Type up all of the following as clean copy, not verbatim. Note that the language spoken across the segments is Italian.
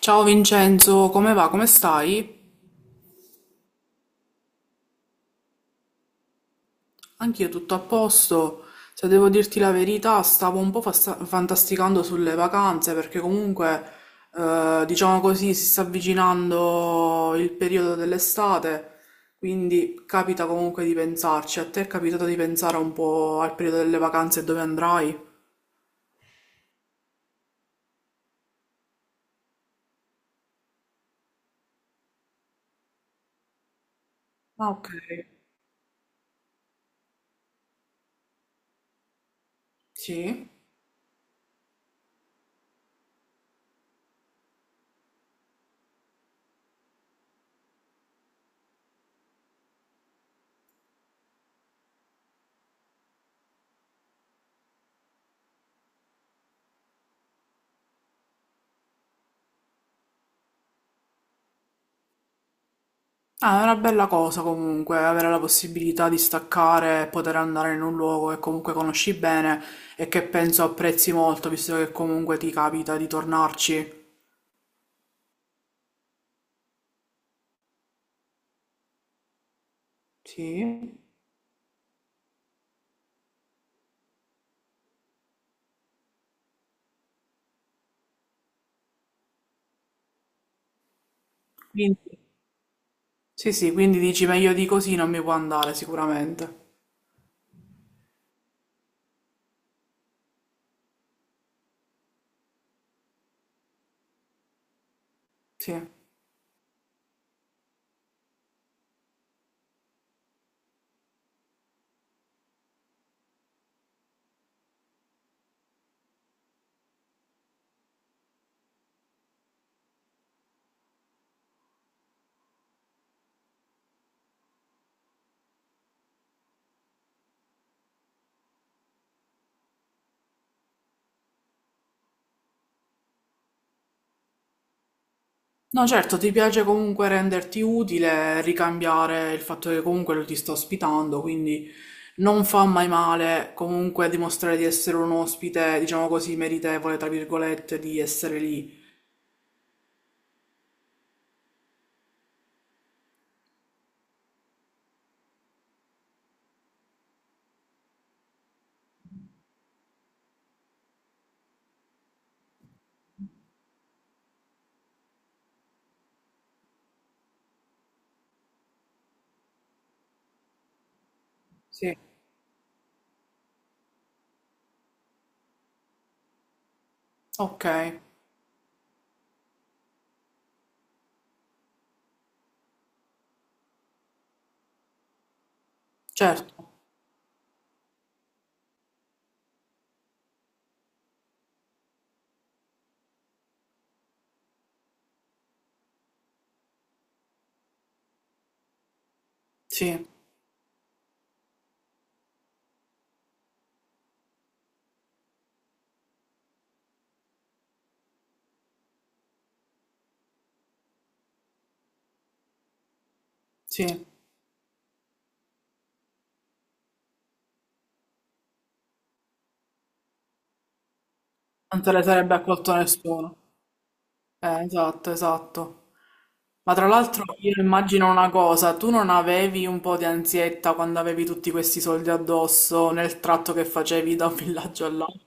Ciao Vincenzo, come va? Come stai? Anch'io tutto a posto. Se devo dirti la verità, stavo un po' fantasticando sulle vacanze perché comunque, diciamo così, si sta avvicinando il periodo dell'estate, quindi capita comunque di pensarci. A te è capitato di pensare un po' al periodo delle vacanze e dove andrai? Ah, ok. Sì? Ah, è una bella cosa comunque avere la possibilità di staccare e poter andare in un luogo che comunque conosci bene e che penso apprezzi molto, visto che comunque ti capita di tornarci. Sì. Quindi- Sì, sì, quindi dici meglio di così non mi può andare sicuramente. Sì. No, certo, ti piace comunque renderti utile, ricambiare il fatto che comunque lo ti sta ospitando, quindi non fa mai male comunque dimostrare di essere un ospite, diciamo così, meritevole, tra virgolette, di essere lì. Sì, okay, certo, sì, sì, non te le sarebbe accolto nessuno. Esatto, esatto. Ma tra l'altro io immagino una cosa, tu non avevi un po' di ansietta quando avevi tutti questi soldi addosso nel tratto che facevi da un villaggio all'altro?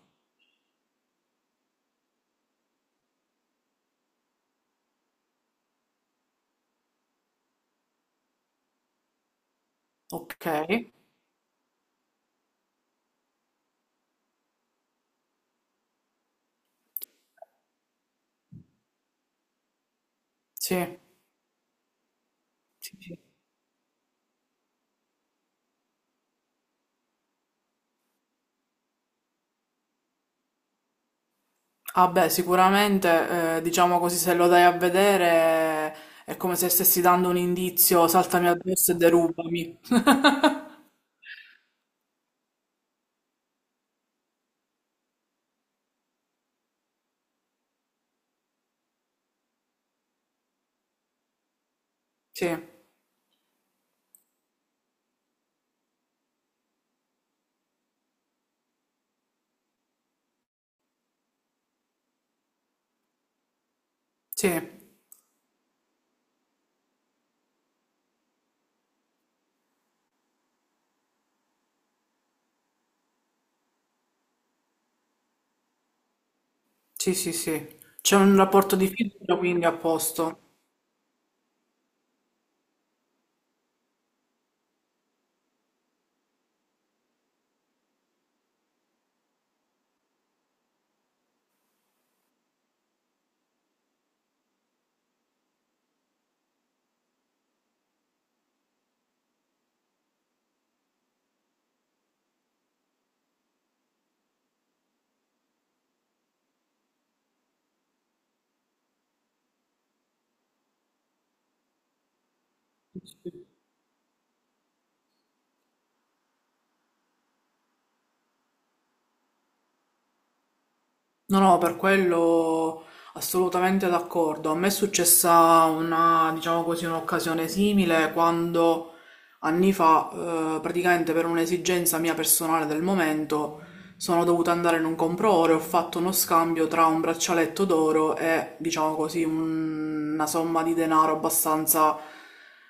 Ok, sì, sì, sì. Ah beh, sicuramente, diciamo così, se lo dai a vedere è come se stessi dando un indizio, saltami addosso e derubami. Sì, sì. Sì, sì, sì. C'è un rapporto di fiducia, quindi a posto. No, no, per quello assolutamente d'accordo. A me è successa una, diciamo così, un'occasione simile quando anni fa, praticamente per un'esigenza mia personale del momento, sono dovuta andare in un compro-oro e ho fatto uno scambio tra un braccialetto d'oro e, diciamo così, una somma di denaro abbastanza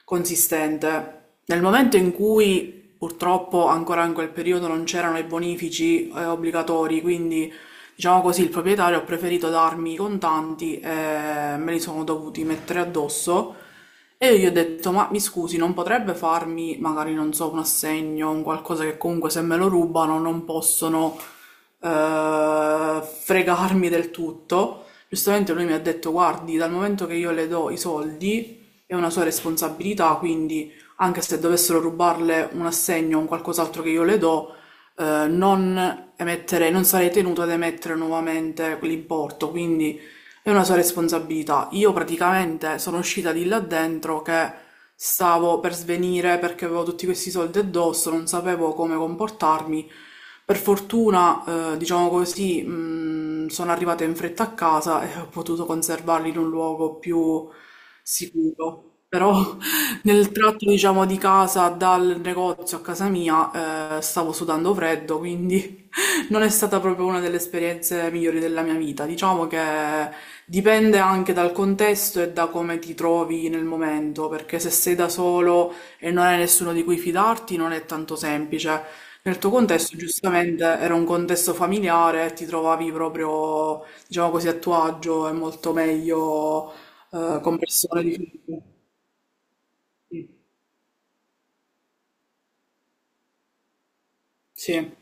consistente. Nel momento in cui, purtroppo, ancora in quel periodo non c'erano i bonifici, obbligatori, quindi diciamo così, il proprietario ha preferito darmi i contanti e me li sono dovuti mettere addosso e io gli ho detto, ma mi scusi, non potrebbe farmi, magari non so, un assegno, un qualcosa che comunque se me lo rubano non possono fregarmi del tutto. Giustamente lui mi ha detto, guardi, dal momento che io le do i soldi è una sua responsabilità, quindi anche se dovessero rubarle un assegno o un qualcos'altro che io le do, non sarei tenuto ad emettere nuovamente quell'importo, quindi è una sua responsabilità. Io praticamente sono uscita di là dentro che stavo per svenire perché avevo tutti questi soldi addosso, non sapevo come comportarmi. Per fortuna, diciamo così, sono arrivata in fretta a casa e ho potuto conservarli in un luogo più sicuro. Però nel tratto, diciamo, di casa dal negozio a casa mia, stavo sudando freddo, quindi non è stata proprio una delle esperienze migliori della mia vita. Diciamo che dipende anche dal contesto e da come ti trovi nel momento, perché se sei da solo e non hai nessuno di cui fidarti, non è tanto semplice. Nel tuo contesto, giustamente, era un contesto familiare, ti trovavi proprio, diciamo così, a tuo agio e molto meglio, con persone di Sì, sì,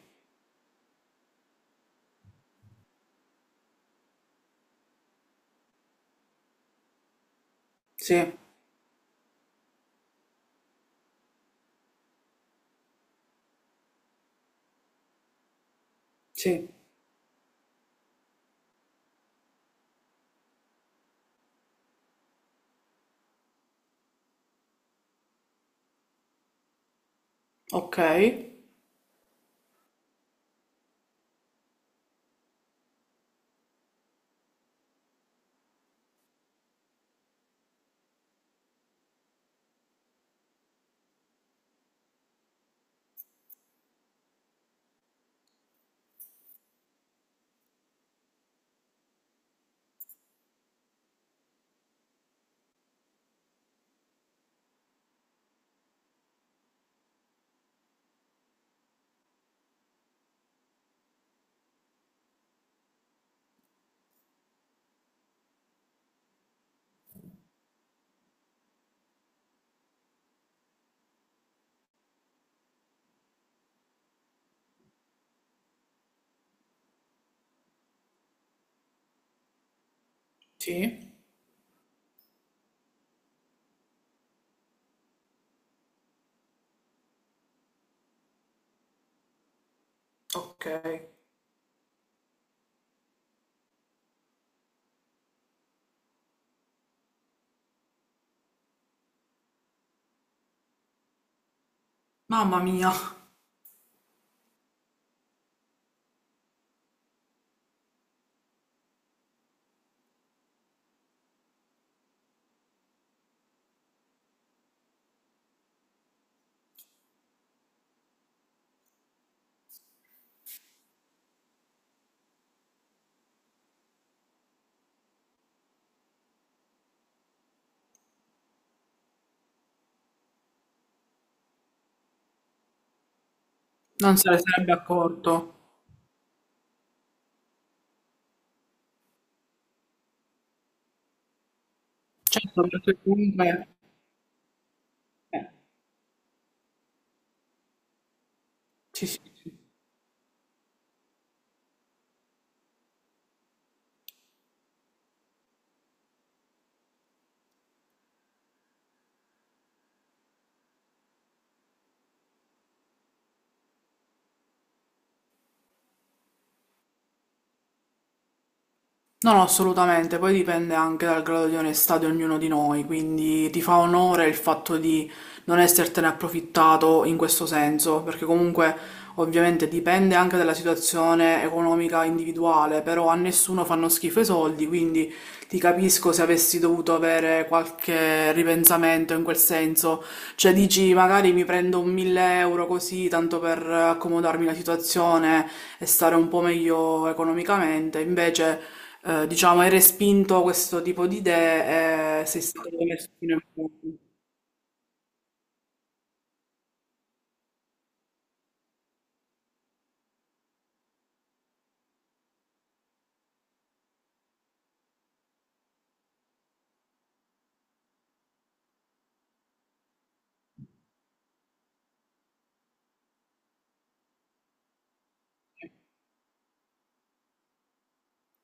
sì. Sì. Ok, sì, ok. Mamma mia. Non se ne sarebbe accorto. Certo, perché comunque eh, sì, sì, sì. No, no, assolutamente, poi dipende anche dal grado di onestà di ognuno di noi, quindi ti fa onore il fatto di non essertene approfittato in questo senso, perché comunque ovviamente dipende anche dalla situazione economica individuale, però a nessuno fanno schifo i soldi, quindi ti capisco se avessi dovuto avere qualche ripensamento in quel senso, cioè dici magari mi prendo un 1000 euro così tanto per accomodarmi la situazione e stare un po' meglio economicamente, invece diciamo, hai respinto questo tipo di idee e sei stato messo fino in fondo.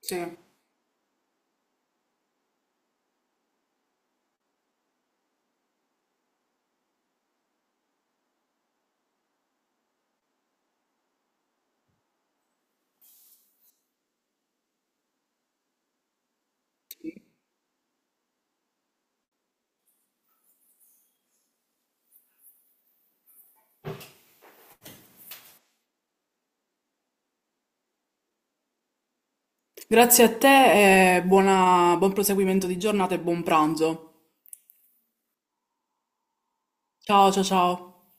Sì. Grazie a te e buon proseguimento di giornata e buon pranzo. Ciao, ciao, ciao.